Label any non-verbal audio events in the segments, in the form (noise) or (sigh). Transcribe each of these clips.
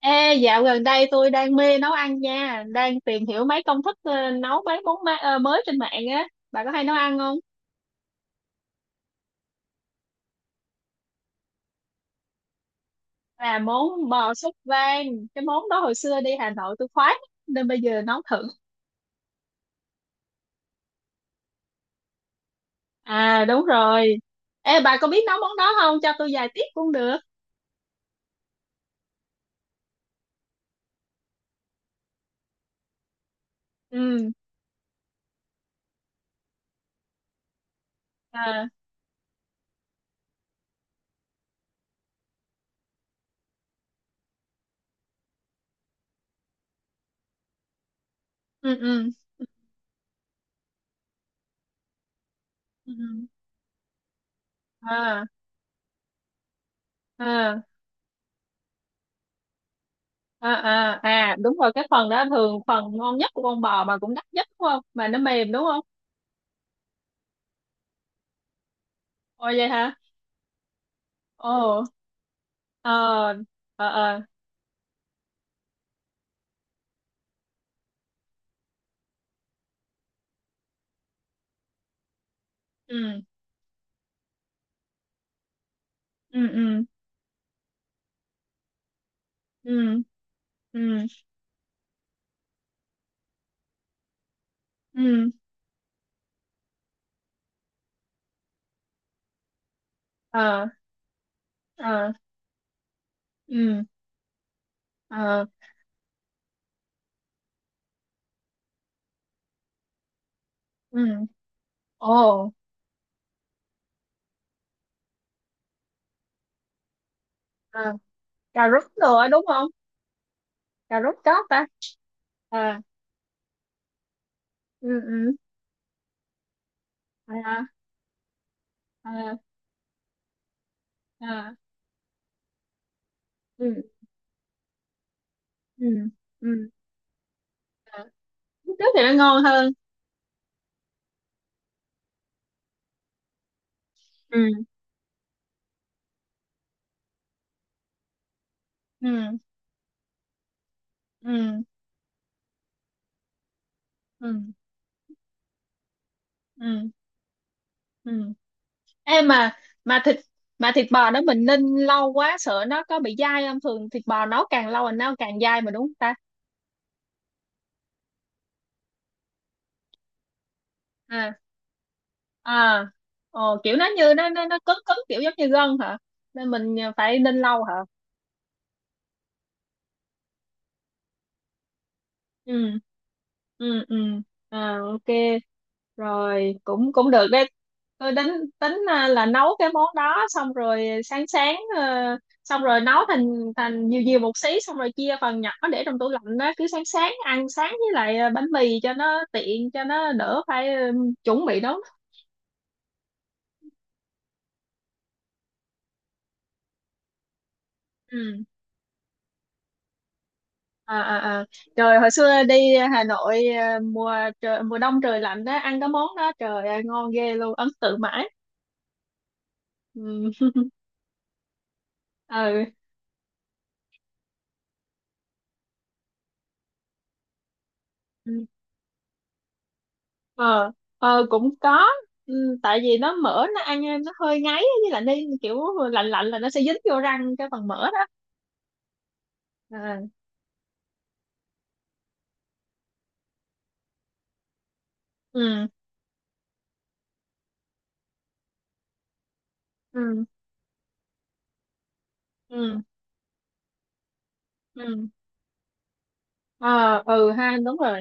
Ê, dạo gần đây tôi đang mê nấu ăn nha, đang tìm hiểu mấy công thức nấu mấy món mới trên mạng á. Bà có hay nấu ăn không? Là món bò súp vang, cái món đó hồi xưa đi Hà Nội tôi khoái lắm, nên bây giờ nấu thử. À đúng rồi. Ê bà có biết nấu món đó không? Cho tôi vài tips cũng được. Ừ. À, ừ, ừ. Ừ, ừ. À, à, à, à, à đúng rồi, cái phần đó thường phần ngon nhất của con bò mà cũng đắt nhất đúng không? Mà nó mềm đúng không? Ôi vậy hả? Ồ. Ờ, ờ, ờ, ừ, ừ, ừ, ừ, ừ, ừ, ờ, ờ, ừ, ờ, ừ, ồ, ờ. Cà rốt nữa đúng không? Cà rốt chóp ta. À, ừ, ừ, à, à, à, ừ, ừ, ừ, à. Lúc trước thì nó ngon hơn. Ừ, ừ, ừ, ừ, ừ, ừ. Em mà mà thịt mà thịt bò đó mình ninh lâu quá sợ nó có bị dai không, thường thịt bò nấu càng lâu là nó càng dai mà đúng không ta? Ờ. À, kiểu nó như nó cứng cứng, kiểu giống như gân hả, nên mình phải ninh lâu hả? Ừ, ừ, ừ, à, ok. Rồi cũng cũng được đấy. Tôi tính tính à, là nấu cái món đó, xong rồi sáng sáng xong rồi nấu thành thành nhiều nhiều một xí, xong rồi chia phần nhỏ để trong tủ lạnh đó, cứ sáng sáng ăn sáng với lại bánh mì cho nó tiện, cho nó đỡ phải chuẩn bị nấu. Ừ, à, à, à. Trời, hồi xưa đi Hà Nội mùa đông trời lạnh đó, ăn cái món đó trời ơi, ngon ghê luôn, ấn tượng mãi. Ừ, ừ, ừ. Ờ, ờ, cũng có. Ừ, tại vì nó mỡ nó ăn nó hơi ngấy với lại, nên kiểu lạnh lạnh là nó sẽ dính vô răng cái phần mỡ đó. À, ừ, ừ, ừ, ừ, ờ, ừ ha, đúng rồi.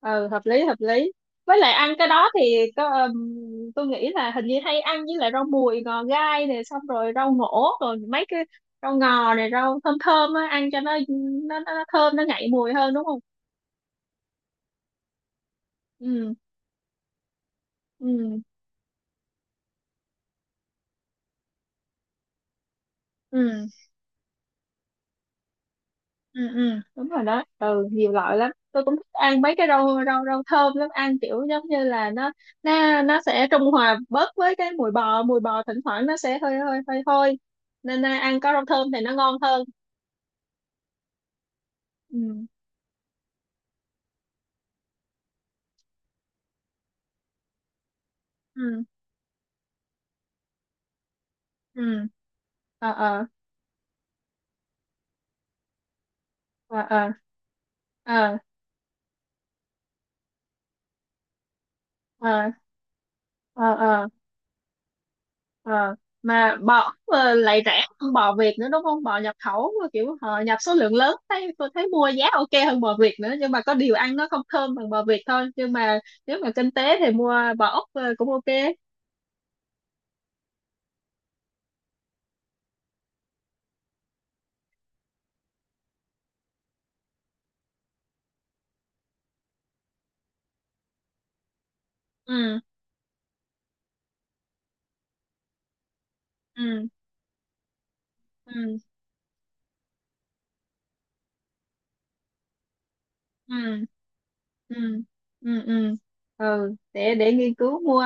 Ừ, hợp lý hợp lý. Với lại ăn cái đó thì có tôi nghĩ là hình như hay ăn với lại rau mùi ngò gai này, xong rồi rau ngổ, rồi mấy cái rau ngò này, rau thơm thơm á, ăn cho nó nó thơm, nó ngậy mùi hơn đúng không? Ừ, ừ, ừ, ừ, ừ, đúng rồi đó, ừ, nhiều loại lắm, tôi cũng thích ăn mấy cái rau rau rau thơm lắm, ăn kiểu giống như là nó sẽ trung hòa bớt với cái mùi bò thỉnh thoảng nó sẽ hơi hơi hơi hôi, nên ăn có rau thơm thì nó ngon hơn Ừ, ừ, ừ, ờ, ờ, ờ, ờ, ờ, ờ, ờ, ờ. Ờ, mà bò lại rẻ hơn bò Việt nữa đúng không? Bò nhập khẩu mà kiểu nhập số lượng lớn, thấy tôi thấy mua giá ok hơn bò Việt nữa, nhưng mà có điều ăn nó không thơm bằng bò Việt thôi, nhưng mà nếu mà kinh tế thì mua bò Úc cũng ok. Ừ, ừ, ừ, ừ, ừ, ừ, ừ, ừ, để nghiên cứu mua.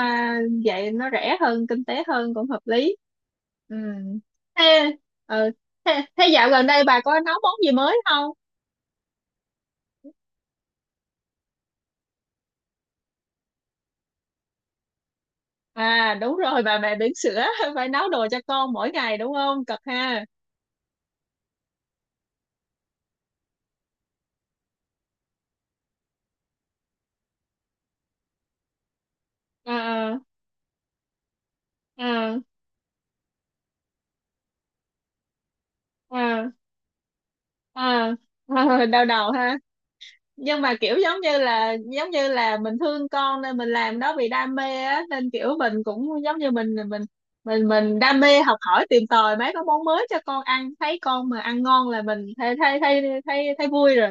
Vậy nó rẻ hơn kinh tế hơn cũng hợp lý. Ừ. Thế, ờ, thế dạo gần đây bà có nấu món gì mới không? À đúng rồi, bà mẹ bỉm sữa (laughs) phải nấu đồ cho con mỗi ngày đúng không, cực ha? À, à, à, à, à, đau đầu ha. Nhưng mà kiểu giống như là mình thương con nên mình làm đó vì đam mê á, nên kiểu mình cũng giống như mình đam mê học hỏi tìm tòi mấy cái món mới cho con ăn, thấy con mà ăn ngon là mình thấy thấy thấy thấy, thấy vui rồi.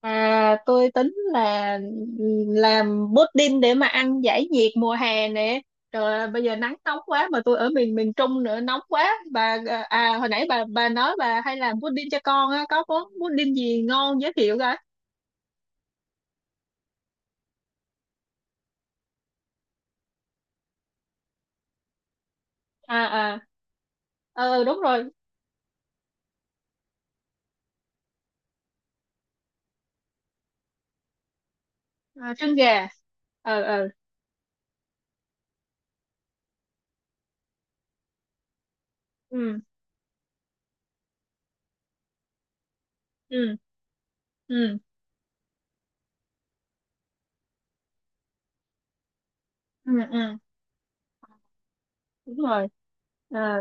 À, tôi tính là làm pudding để mà ăn giải nhiệt mùa hè nè. Trời ơi, bây giờ nắng nóng quá, mà tôi ở miền miền Trung nữa, nóng quá. Bà hồi nãy bà nói bà hay làm pudding cho con á, có món pudding gì ngon giới thiệu coi. À, à. Ờ đúng rồi. À, trứng gà. Ờ, ờ. Ừ, ừ, ừ, ừ, ừ, đúng rồi. À,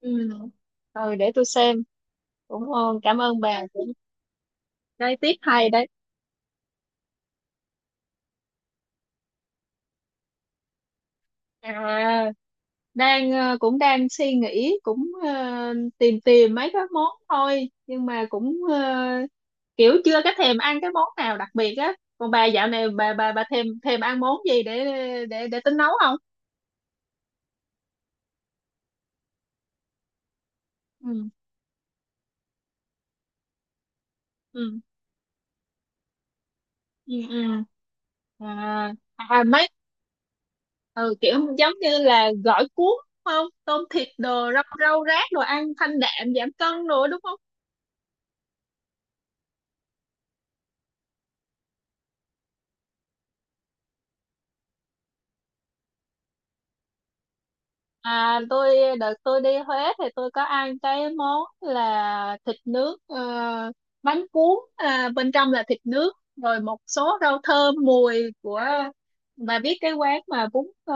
ừ. Rồi để tôi xem. Cũng ngon, cảm ơn bà. Đây tiếp hay đấy. À, đang cũng đang suy nghĩ, cũng tìm tìm mấy cái món thôi, nhưng mà cũng kiểu chưa có thèm ăn cái món nào đặc biệt á, còn bà dạo này bà thèm thèm ăn món gì để để tính nấu không? Ừ, ừ, ừ, ừ, à, kiểu giống như là gỏi cuốn đúng không, tôm thịt đồ rau rau rác, đồ ăn thanh đạm giảm cân đồ đúng không? À, tôi đợt tôi đi Huế thì tôi có ăn cái món là thịt nướng bánh cuốn bên trong là thịt nướng rồi một số rau thơm mùi của, bà biết cái quán mà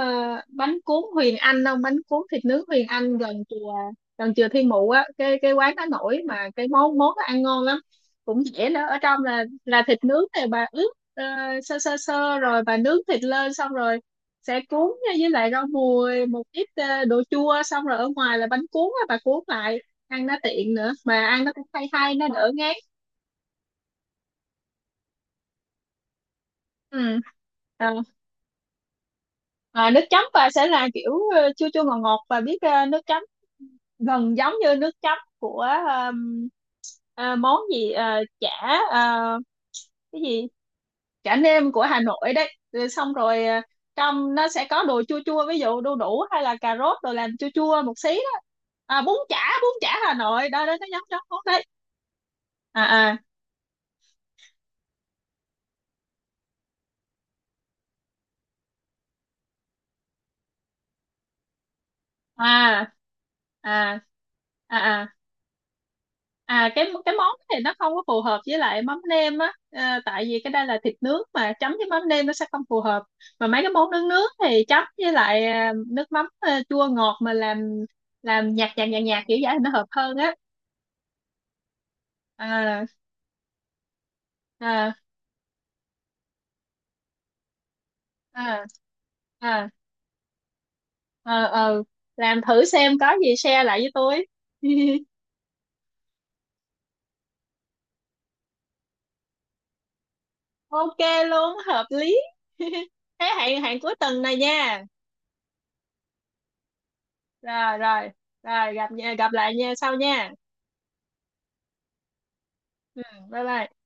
bánh cuốn Huyền Anh không, bánh cuốn thịt nướng Huyền Anh gần chùa Thiên Mụ á, cái quán đó nổi mà cái món món đó ăn ngon lắm, cũng dễ nữa, ở trong là thịt nướng thì bà ướp sơ sơ sơ rồi bà nướng thịt lên, xong rồi sẽ cuốn nha, với lại rau mùi, một ít đồ chua, xong rồi ở ngoài là bánh cuốn á, bà cuốn lại, ăn nó tiện nữa mà ăn nó cũng hay hay, nó đỡ ngán. Ừ. À, à, nước chấm bà sẽ là kiểu chua chua ngọt ngọt, bà biết nước chấm gần giống như nước chấm của món gì, chả, ờ, cái gì, chả nêm của Hà Nội đấy, rồi xong rồi trong nó sẽ có đồ chua chua, ví dụ đu đủ hay là cà rốt rồi làm chua chua một xí đó, à, bún chả Hà Nội đó, đó nó giống giống món đó. À, à, à, à, à, à, à, cái món thì nó không có phù hợp với lại mắm nêm á. Ờ, tại vì cái đây là thịt nướng mà chấm với mắm nêm nó sẽ không phù hợp, mà mấy cái món nướng nướng thì chấm với lại nước mắm chua ngọt mà làm nhạt nhạt kiểu vậy thì nó hợp hơn á. À, à, à, à, ờ, ờ. Làm thử xem có gì share lại với tôi. (laughs) Ok, luôn hợp lý. (laughs) Thế hẹn hẹn cuối tuần này nha. Rồi, rồi, rồi, gặp lại nha, sau nha. Ừ, bye bye.